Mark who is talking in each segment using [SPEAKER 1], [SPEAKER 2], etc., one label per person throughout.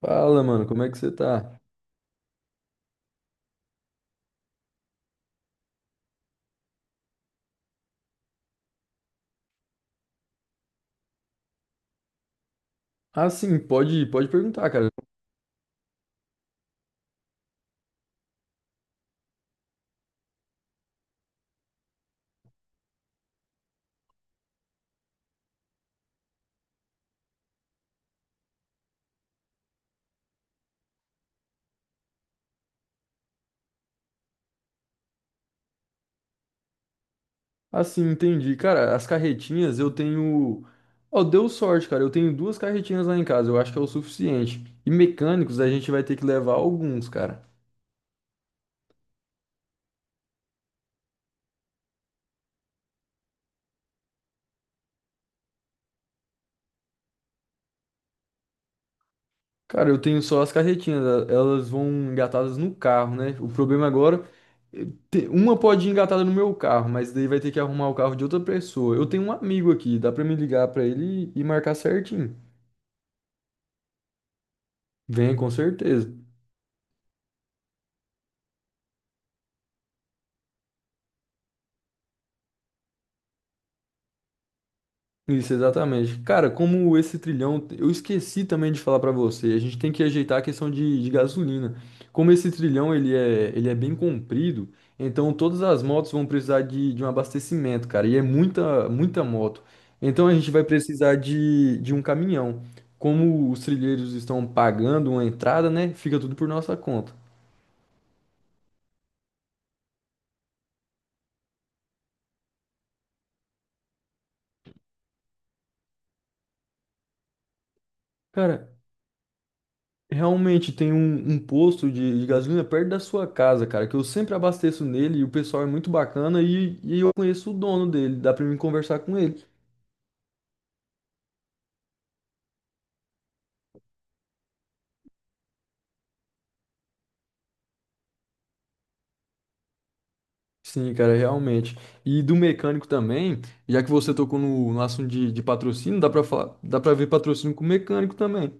[SPEAKER 1] Fala, mano, como é que você tá? Ah, sim, pode perguntar, cara. Ah, sim. Entendi. Cara, as carretinhas eu tenho. Ó, deu sorte, cara. Eu tenho duas carretinhas lá em casa, eu acho que é o suficiente. E mecânicos a gente vai ter que levar alguns, cara. Cara, eu tenho só as carretinhas, elas vão engatadas no carro, né? O problema agora. eh, Uma pode ir engatada no meu carro, mas daí vai ter que arrumar o carro de outra pessoa. Eu tenho um amigo aqui, dá pra me ligar pra ele e marcar certinho. Vem, com certeza. Isso, exatamente. Cara, como esse trilhão, eu esqueci também de falar pra você, a gente tem que ajeitar a questão de gasolina. Como esse trilhão ele é bem comprido, então todas as motos vão precisar de um abastecimento, cara, e é muita, muita moto. Então a gente vai precisar de um caminhão. Como os trilheiros estão pagando uma entrada, né, fica tudo por nossa conta. Cara, realmente tem um posto de gasolina perto da sua casa, cara, que eu sempre abasteço nele e o pessoal é muito bacana e eu conheço o dono dele, dá pra mim conversar com ele. Sim, cara, realmente. E do mecânico também, já que você tocou no assunto de patrocínio, dá pra falar, dá pra ver patrocínio com mecânico também.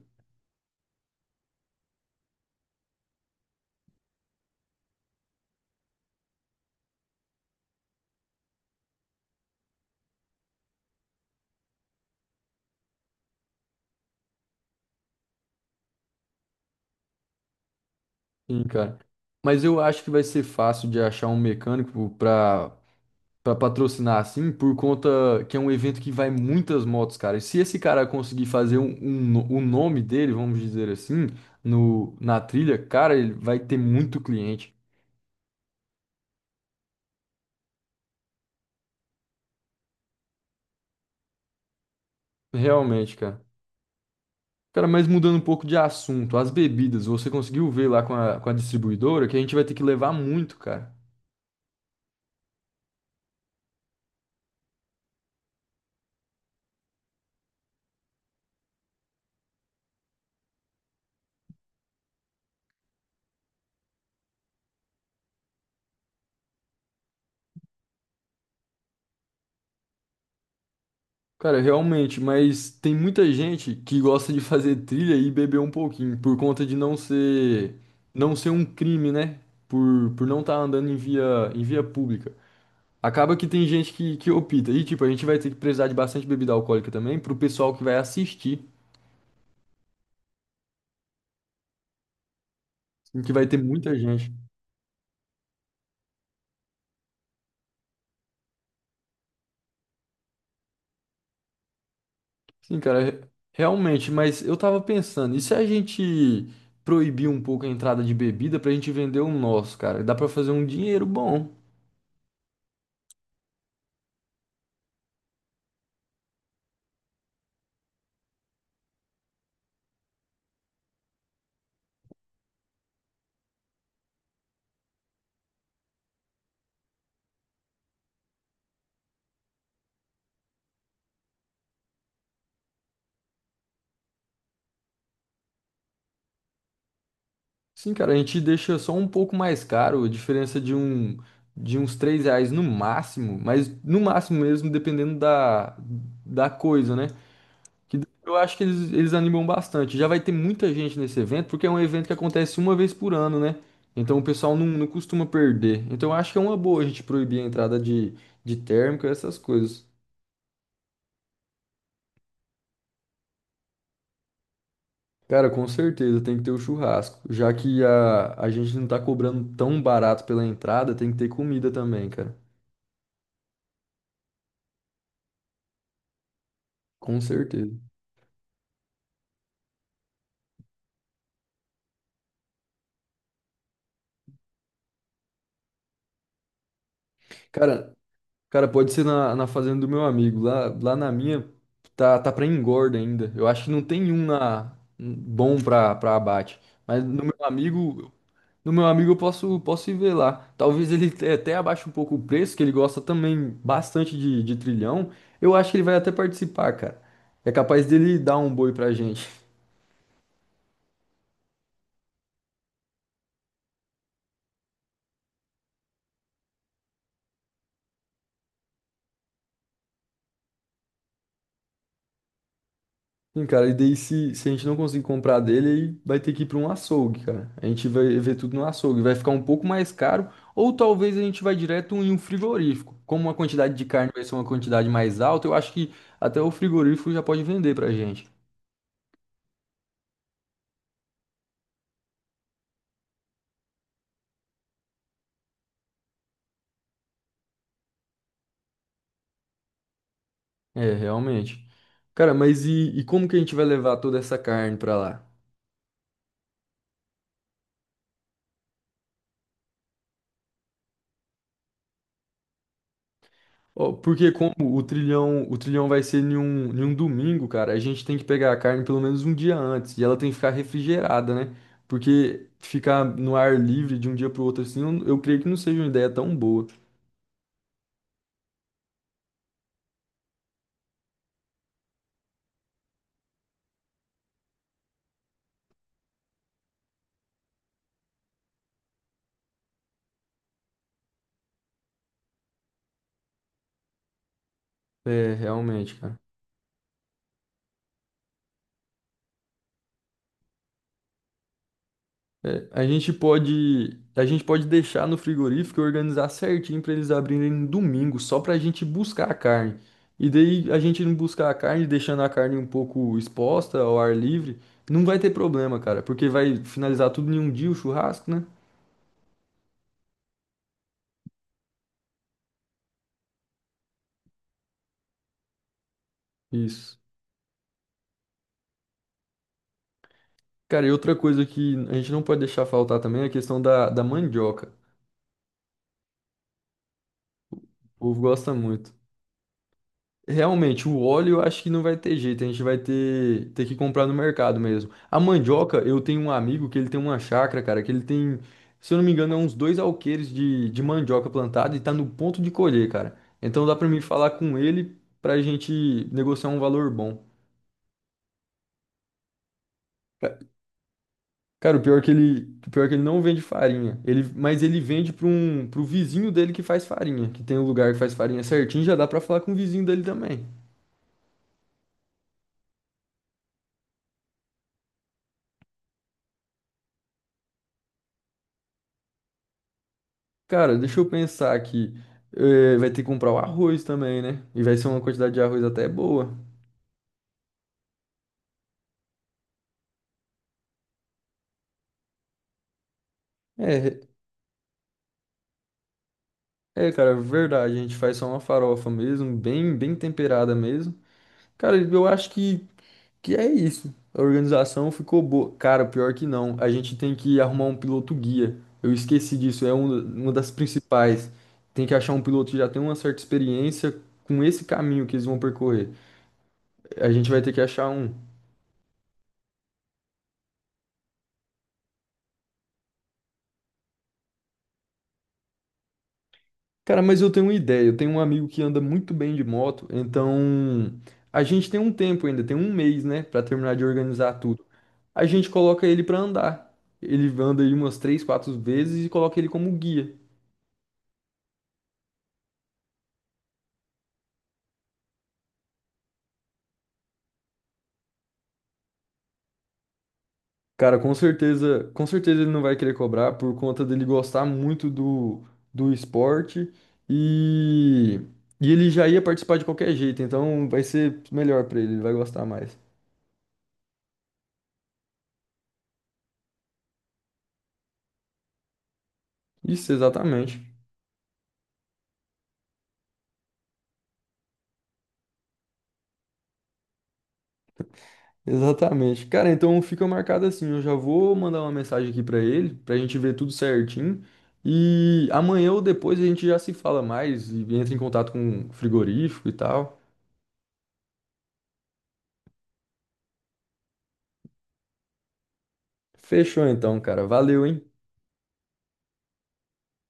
[SPEAKER 1] Sim, cara. Mas eu acho que vai ser fácil de achar um mecânico pra patrocinar assim, por conta que é um evento que vai muitas motos, cara. E se esse cara conseguir fazer um o nome dele, vamos dizer assim, no, na trilha, cara, ele vai ter muito cliente. Realmente, cara. Cara, mas mudando um pouco de assunto, as bebidas, você conseguiu ver lá com a distribuidora que a gente vai ter que levar muito, cara. Cara, realmente, mas tem muita gente que gosta de fazer trilha e beber um pouquinho, por conta de não ser um crime, né? Por não estar andando em via pública. Acaba que tem gente que opta. E, tipo, a gente vai ter que precisar de bastante bebida alcoólica também, pro pessoal que vai assistir, em que vai ter muita gente. Sim, cara, realmente, mas eu tava pensando, e se a gente proibir um pouco a entrada de bebida pra gente vender o nosso, cara? Dá pra fazer um dinheiro bom. Sim, cara, a gente deixa só um pouco mais caro, a diferença de uns 3 reais no máximo, mas no máximo mesmo, dependendo da coisa, né? Que eu acho que eles animam bastante. Já vai ter muita gente nesse evento, porque é um evento que acontece uma vez por ano, né? Então o pessoal não costuma perder. Então eu acho que é uma boa a gente proibir a entrada de térmica, essas coisas. Cara, com certeza tem que ter o churrasco, já que a gente não tá cobrando tão barato pela entrada, tem que ter comida também, cara. Com certeza. Cara, cara, pode ser na fazenda do meu amigo. Lá na minha tá para engorda ainda. Eu acho que não tem um na um bom para abate. Mas no meu amigo eu posso ir ver lá. Talvez ele até abaixe um pouco o preço, que ele gosta também bastante de trilhão. Eu acho que ele vai até participar, cara. É capaz dele dar um boi pra gente. Sim, cara, e daí se a gente não conseguir comprar dele, aí vai ter que ir para um açougue, cara. A gente vai ver tudo no açougue, vai ficar um pouco mais caro, ou talvez a gente vai direto em um frigorífico. Como a quantidade de carne vai ser uma quantidade mais alta, eu acho que até o frigorífico já pode vender pra gente. É, realmente. Cara, mas e como que a gente vai levar toda essa carne pra lá? Ó, porque como o trilhão vai ser em um domingo, cara, a gente tem que pegar a carne pelo menos um dia antes e ela tem que ficar refrigerada, né? Porque ficar no ar livre de um dia pro outro assim, eu creio que não seja uma ideia tão boa. É, realmente, cara. É, a gente pode deixar no frigorífico e organizar certinho para eles abrirem no domingo, só para a gente buscar a carne. E daí a gente não buscar a carne, deixando a carne um pouco exposta ao ar livre, não vai ter problema, cara, porque vai finalizar tudo em um dia o churrasco, né? Isso. Cara, e outra coisa que a gente não pode deixar faltar também é a questão da mandioca. O povo gosta muito. Realmente, o óleo eu acho que não vai ter jeito, a gente vai ter que comprar no mercado mesmo. A mandioca, eu tenho um amigo que ele tem uma chácara, cara, que ele tem, se eu não me engano, é uns 2 alqueires de mandioca plantada e tá no ponto de colher, cara. Então dá pra mim falar com ele pra gente negociar um valor bom. Ca- Cara, o pior é que ele, o pior é que ele não vende farinha, mas ele vende pro vizinho dele que faz farinha, que tem um lugar que faz farinha certinho, já dá pra falar com o vizinho dele também. Cara, deixa eu pensar aqui. É, vai ter que comprar o arroz também, né? E vai ser uma quantidade de arroz até boa. É, é, cara, é verdade. A gente faz só uma farofa mesmo, bem, bem temperada mesmo. Cara, eu acho que é isso. A organização ficou boa. Cara, pior que não. A gente tem que arrumar um piloto guia. Eu esqueci disso, é uma das principais. Tem que achar um piloto que já tem uma certa experiência com esse caminho que eles vão percorrer. A gente vai ter que achar um. Cara, mas eu tenho uma ideia. Eu tenho um amigo que anda muito bem de moto, então a gente tem um tempo ainda, tem um mês, né, pra terminar de organizar tudo. A gente coloca ele pra andar. Ele anda aí umas 3, 4 vezes e coloca ele como guia. Cara, com certeza ele não vai querer cobrar por conta dele gostar muito do esporte e, e ele já ia participar de qualquer jeito, então vai ser melhor pra ele, ele vai gostar mais. Isso, exatamente. Exatamente. Cara, então fica marcado assim. Eu já vou mandar uma mensagem aqui pra ele, pra gente ver tudo certinho. E amanhã ou depois a gente já se fala mais e entra em contato com o frigorífico e tal. Fechou então, cara. Valeu, hein?